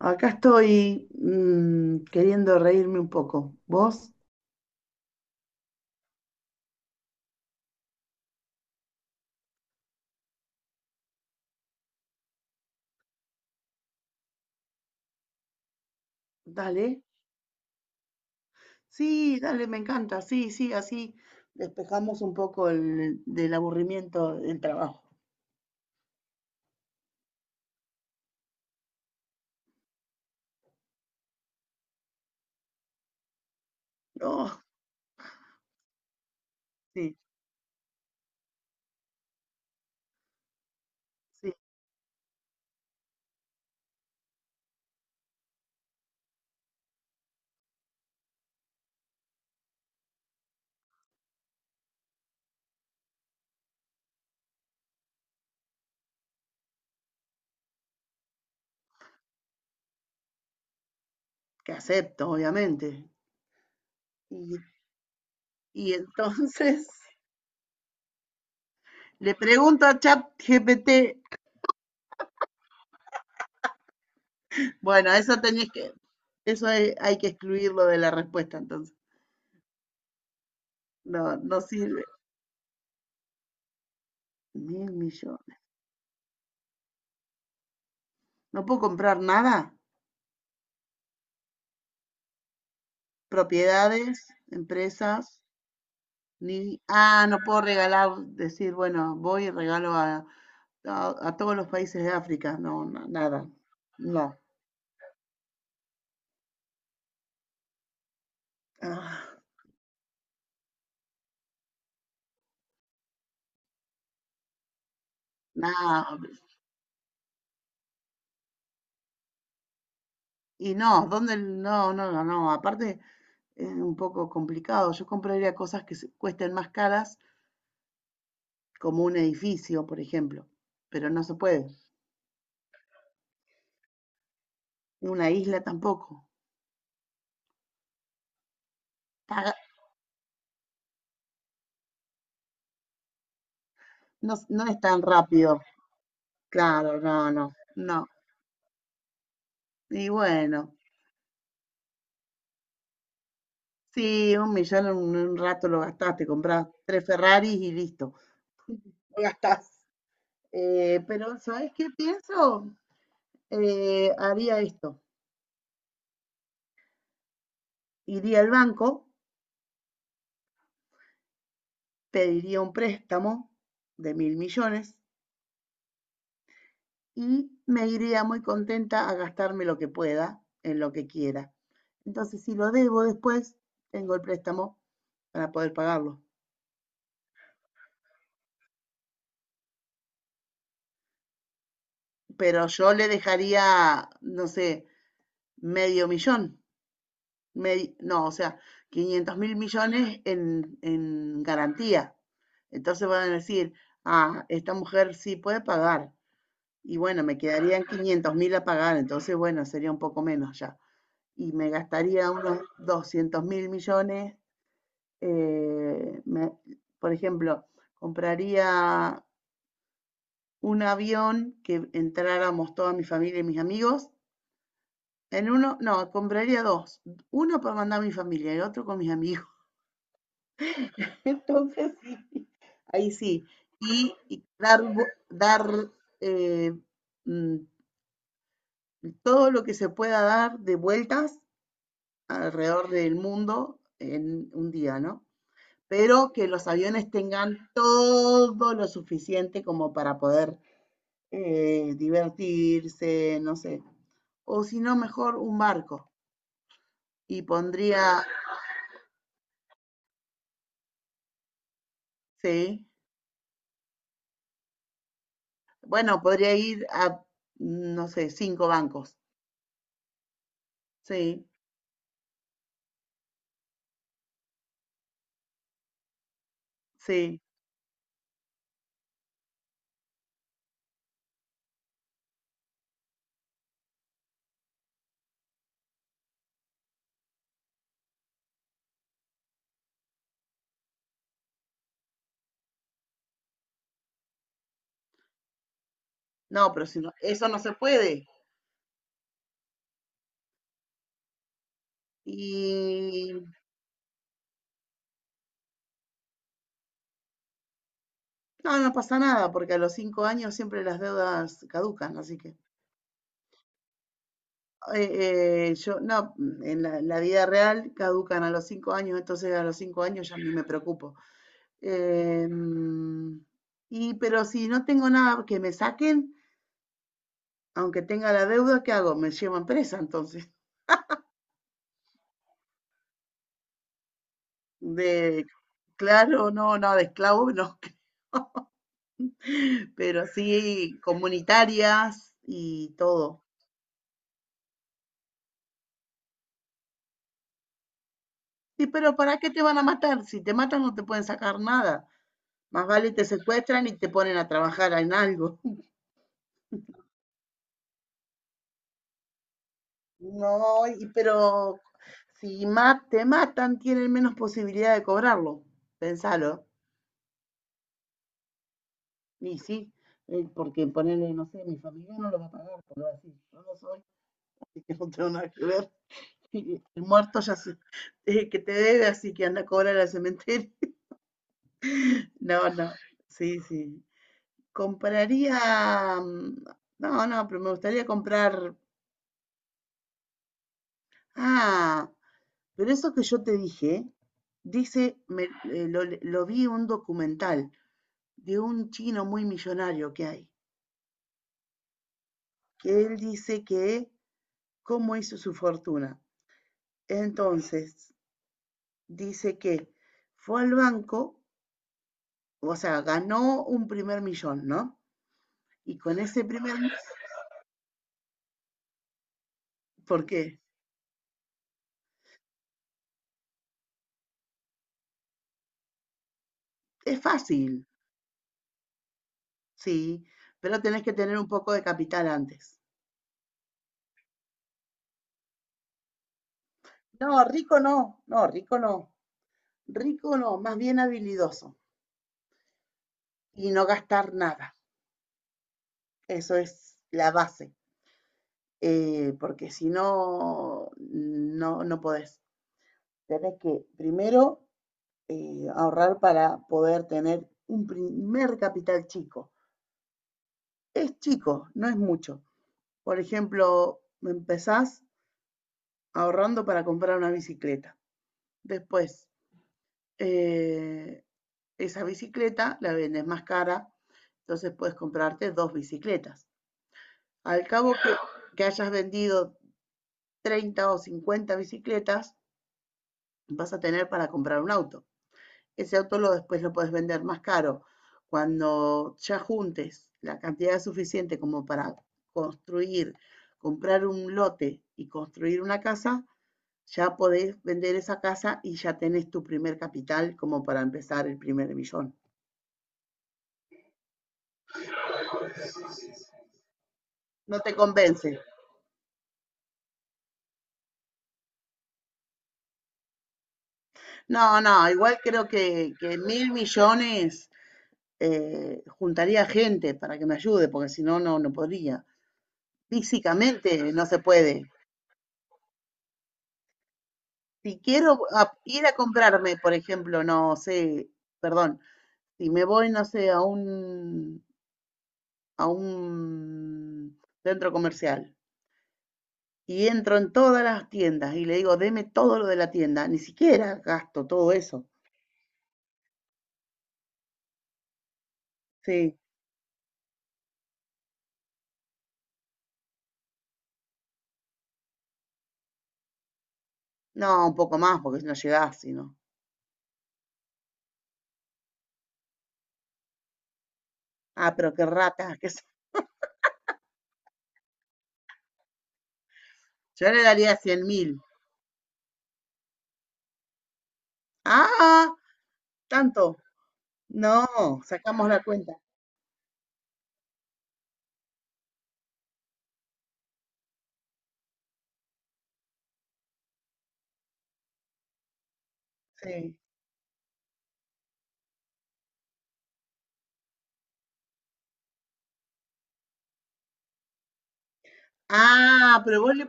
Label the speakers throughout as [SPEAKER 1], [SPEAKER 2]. [SPEAKER 1] Acá estoy queriendo reírme un poco. ¿Vos? Dale. Sí, dale, me encanta. Sí, sí, así despejamos un poco del aburrimiento del trabajo. No, sí, sí, que acepto, obviamente. Y, y entonces le pregunto a ChatGPT. Bueno, eso hay que excluirlo de la respuesta, entonces. No, no sirve. Mil millones. ¿No puedo comprar nada? Propiedades, empresas, ni... Ah, no puedo regalar, decir, bueno, voy y regalo a todos los países de África. No, no, nada. No. Ah, nada. Y no, ¿dónde? No, no, no, no. Aparte es un poco complicado. Yo compraría cosas que cuesten más caras, como un edificio, por ejemplo. Pero no se puede. Una isla tampoco. Paga- No, no es tan rápido. Claro, no, no, no. Y bueno. Sí, un millón en un rato lo gastás, te compras tres Ferraris y listo, lo gastás. Pero, ¿sabes qué pienso? Haría esto. Iría al banco, pediría un préstamo de mil millones y me iría muy contenta a gastarme lo que pueda, en lo que quiera. Entonces, si lo debo después, tengo el préstamo para poder pagarlo. Pero yo le dejaría, no sé, medio millón. No, o sea, 500 mil millones en garantía. Entonces van a decir, ah, esta mujer sí puede pagar. Y bueno, me quedarían 500 mil a pagar, entonces bueno, sería un poco menos ya. Y me gastaría unos 200 mil millones. eh, me- por ejemplo, compraría un avión que entráramos toda mi familia y mis amigos. En uno, no, compraría dos. Uno para mandar a mi familia y otro con mis amigos. Entonces, sí, ahí sí. Y dar eh, mm, todo lo que se pueda dar de vueltas alrededor del mundo en un día, ¿no? Pero que los aviones tengan todo lo suficiente como para poder divertirse, no sé. O si no, mejor un barco. Y pondría, sí, bueno, podría ir a, no sé, cinco bancos. Sí, sí. No, pero si no, eso no se puede. Y no, no pasa nada, porque a los 5 años siempre las deudas caducan, así que yo, no, en la vida real caducan a los 5 años, entonces a los 5 años ya ni me preocupo. Em, y pero si no tengo nada que me saquen, aunque tenga la deuda, ¿qué hago? Me llevan presa entonces. De, claro, no, no, de esclavo, no, pero sí comunitarias y todo. Sí, pero ¿para qué te van a matar? Si te matan no te pueden sacar nada. Más vale te secuestran y te ponen a trabajar en algo. No, y pero si te matan tienen menos posibilidad de cobrarlo. Pensalo. Y sí, porque ponerle, no sé, mi familia no lo va a pagar, porque va a decir, yo no soy, así que no tengo nada que ver. Y el muerto ya se, que te debe, así que anda a cobrar al cementerio. No, no. Sí, sí. Compraría, no, no, pero me gustaría comprar, ah, pero eso que yo te dije, dice, lo vi en un documental de un chino muy millonario que hay, que él dice que cómo hizo su fortuna. Entonces, dice que fue al banco, o sea, ganó un primer millón, ¿no? Y con ese primer, ¿por qué? Es fácil, sí, pero tenés que tener un poco de capital antes. No, rico no, no, rico no, rico no, más bien habilidoso y no gastar nada. Eso es la base, porque si no, no podés. Tenés que primero ahorrar para poder tener un primer capital chico. Es chico, no es mucho. Por ejemplo, empezás ahorrando para comprar una bicicleta. Después, eh, esa bicicleta la vendes más cara, entonces puedes comprarte dos bicicletas. Al cabo que hayas vendido 30 o 50 bicicletas, vas a tener para comprar un auto. Ese auto después lo puedes vender más caro. Cuando ya juntes la cantidad suficiente como para construir, comprar un lote y construir una casa, ya podés vender esa casa y ya tenés tu primer capital como para empezar el primer millón. No te convence. No, no, igual creo que, mil millones juntaría gente para que me ayude, porque si no, no podría. Físicamente no se puede. Si quiero ir a comprarme, por ejemplo, no sé, perdón, si me voy, no sé, a un, centro comercial y entro en todas las tiendas y le digo, deme todo lo de la tienda, ni siquiera gasto todo eso. Sí, no, un poco más, porque si no llegás, si no. Ah, pero qué ratas que. Yo le daría 100.000. Ah, tanto. No, sacamos la cuenta. Sí. Ah, pero vos le,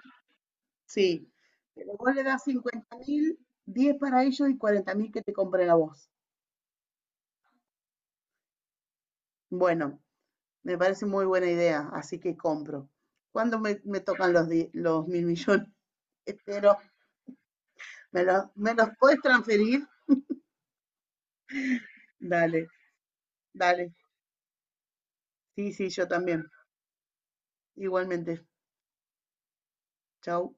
[SPEAKER 1] sí, pero vos le das 50.000, 10 para ellos y 40.000 que te compre la voz. Bueno, me parece muy buena idea, así que compro. ¿Cuándo me tocan los mil millones? Espero, ¿me los puedes transferir? Dale, dale. Sí, sí, yo también. Igualmente. Chau.